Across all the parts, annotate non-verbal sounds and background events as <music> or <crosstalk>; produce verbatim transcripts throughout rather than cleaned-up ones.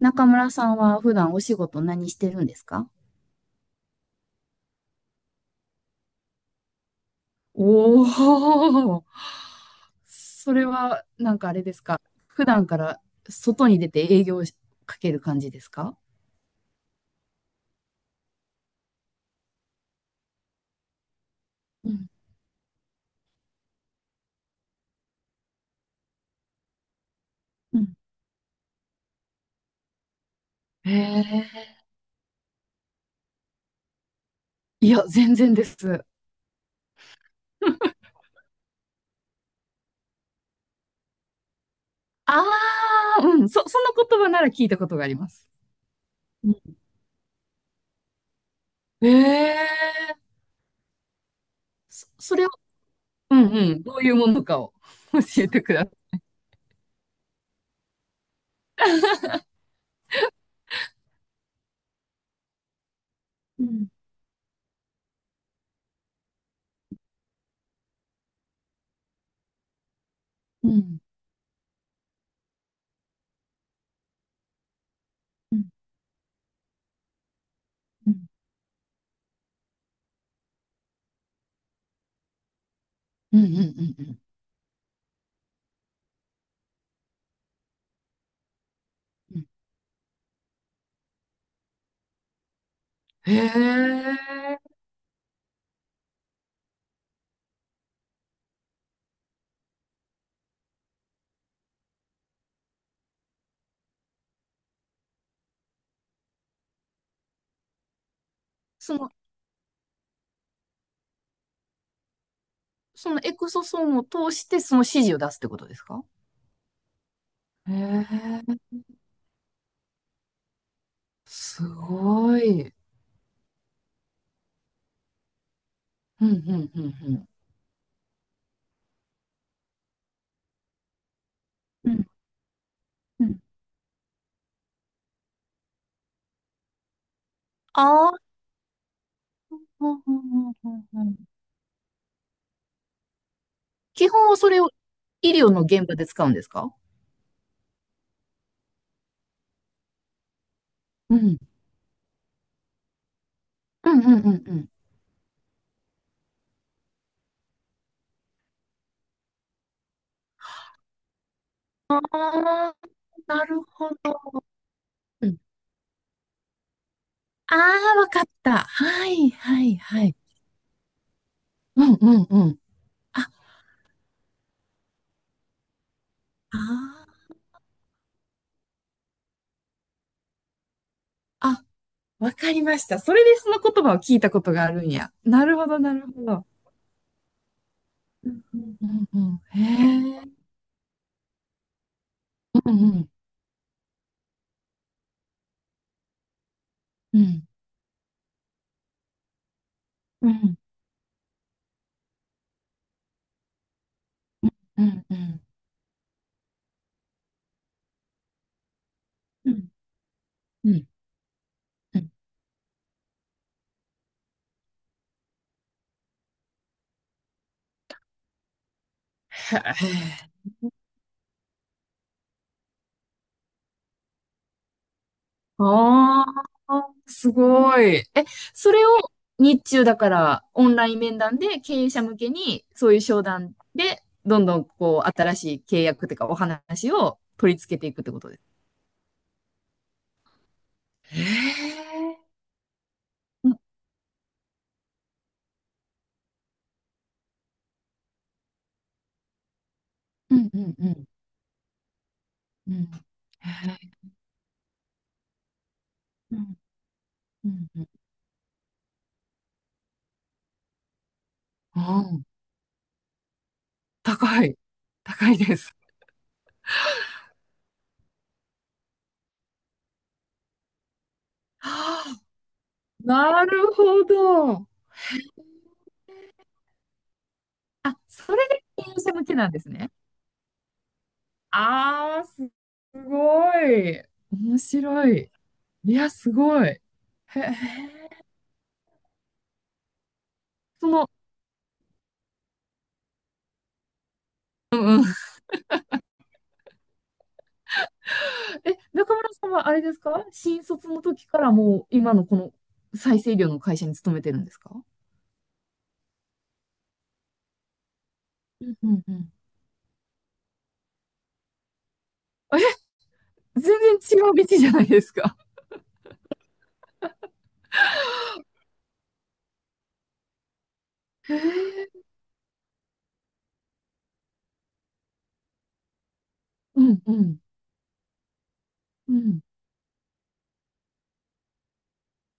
中村さんは普段お仕事何してるんですか？おー、それはなんかあれですか。普段から外に出て営業をかける感じですか？うんうん、へえ。いや、全然です。ああ、うん、そ、その言葉なら聞いたことがあります。うん。えそ、それを、うんうん、どういうものかを <laughs> 教えてください。うんうんうんうんうんうんうん。うん、へえ。その、そのエクソソームを通してその指示を出すってことですか？へえ、すごい。うん、うん、うん、うん。うんうん、ああ、うんうんうんうんうん。基本はそれを医療の現場で使うんですか？うん、うん、うん、うんうん。ああ、なるほど。うん、ああ、わかった。はい、はい、はい。うんうんうん。あ、あー、あ、わかりました。それでその言葉を聞いたことがあるんや。なるほど、なるほど。うんうんうんうん。へえ。うんうん。うん。うんうん。うんうん。うんうん、へえ。ああ、すごい。え、それを日中だからオンライン面談で経営者向けにそういう商談でどんどんこう新しい契約というかお話を取り付けていくってことです。へえ。うんうんうんうんうん。へえ。うんうんうん。あ、高い。高いです。は、なるほど。あ、それで経営者向けなんですね。ああ、す、すごい。面白い。いや、すごい。へえ。その、え、中村さんはあれですか？新卒の時からもう今のこの再生医療の会社に勤めてるんですか？うんうん。全然違う道じゃないですか。へえ。うんうんうん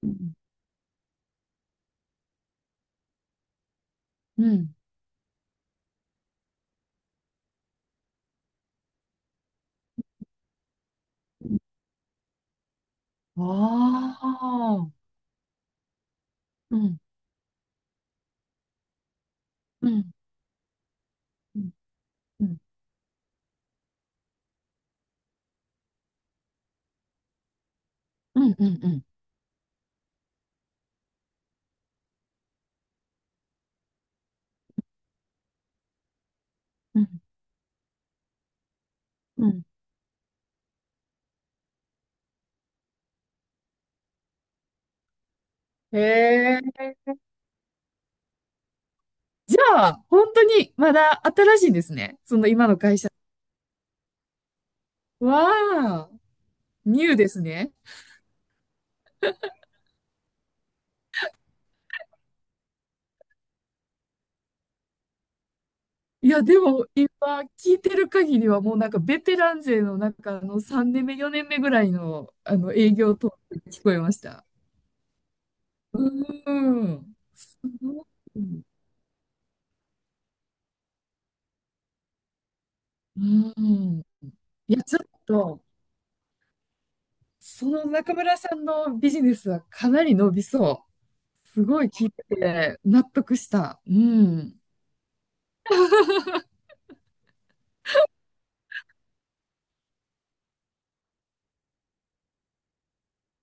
うんうん。ああ。うんうんうんうんうんうんうんうんうんうん、へえ。じゃあ、本当にまだ新しいんですね。その今の会社。わあ、ニューですね。いや、でも今聞いてる限りはもうなんかベテラン勢の中のさんねんめ、よねんめぐらいの、あの営業トークに聞こえました。うーん。うん。いや、ちょっと、その中村さんのビジネスはかなり伸びそう。すごい聞いてて納得した。うん。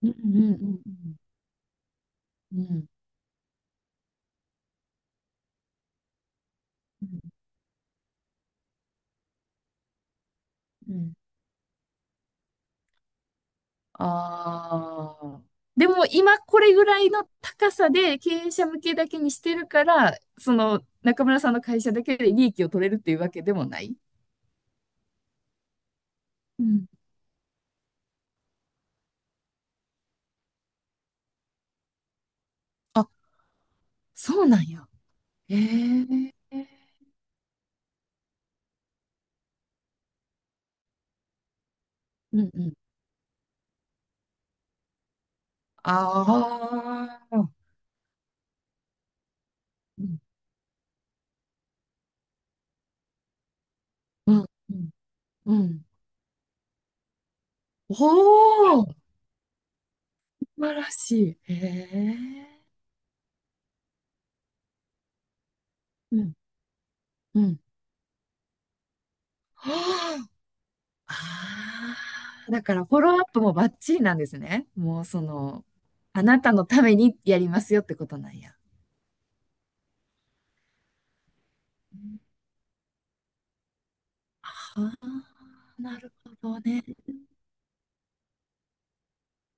うんうんうんうん。うんうん。ああ。でも今これぐらいの高さで経営者向けだけにしてるから、その中村さんの会社だけで利益を取れるっていうわけでもない。うん。あ、そうなんや。ええ。うんうん。ああ。うん。うん。うん。うん、おお、素晴らしい。へえ。うん。うん。は、あ、ああ、だからフォローアップもバッチリなんですね。もうその、あなたのためにやりますよってことなんや。あ、は、あ、なるほどね。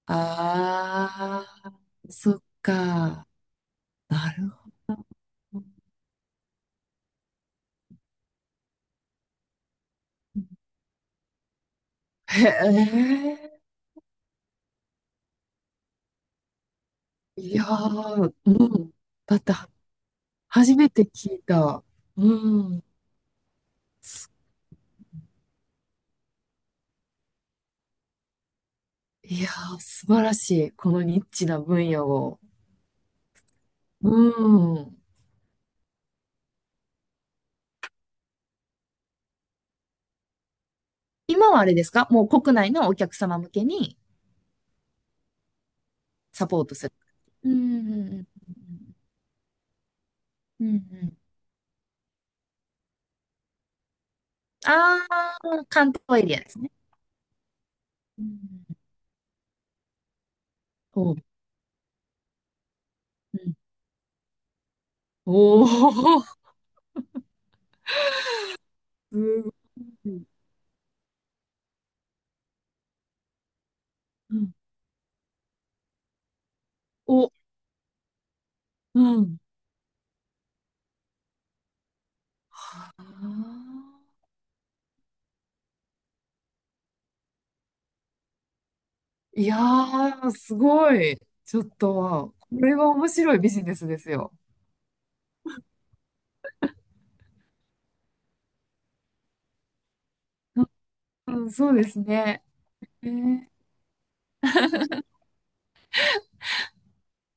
ああ、そっか。なるほど。へえ。いやー、うん。だっては、初めて聞いた。うん。すいやー、素晴らしい。このニッチな分野を。うん。今はあれですか？もう国内のお客様向けにサポートする。うんうんうんうんうんうん、ああー、関東エリアですね。うんうん、おう、うん、おー、<laughs> すごい。うん、お、うん。あー、いやー、すごい。ちょっと、これは面白いビジネスですよ。うん、そうですね。えー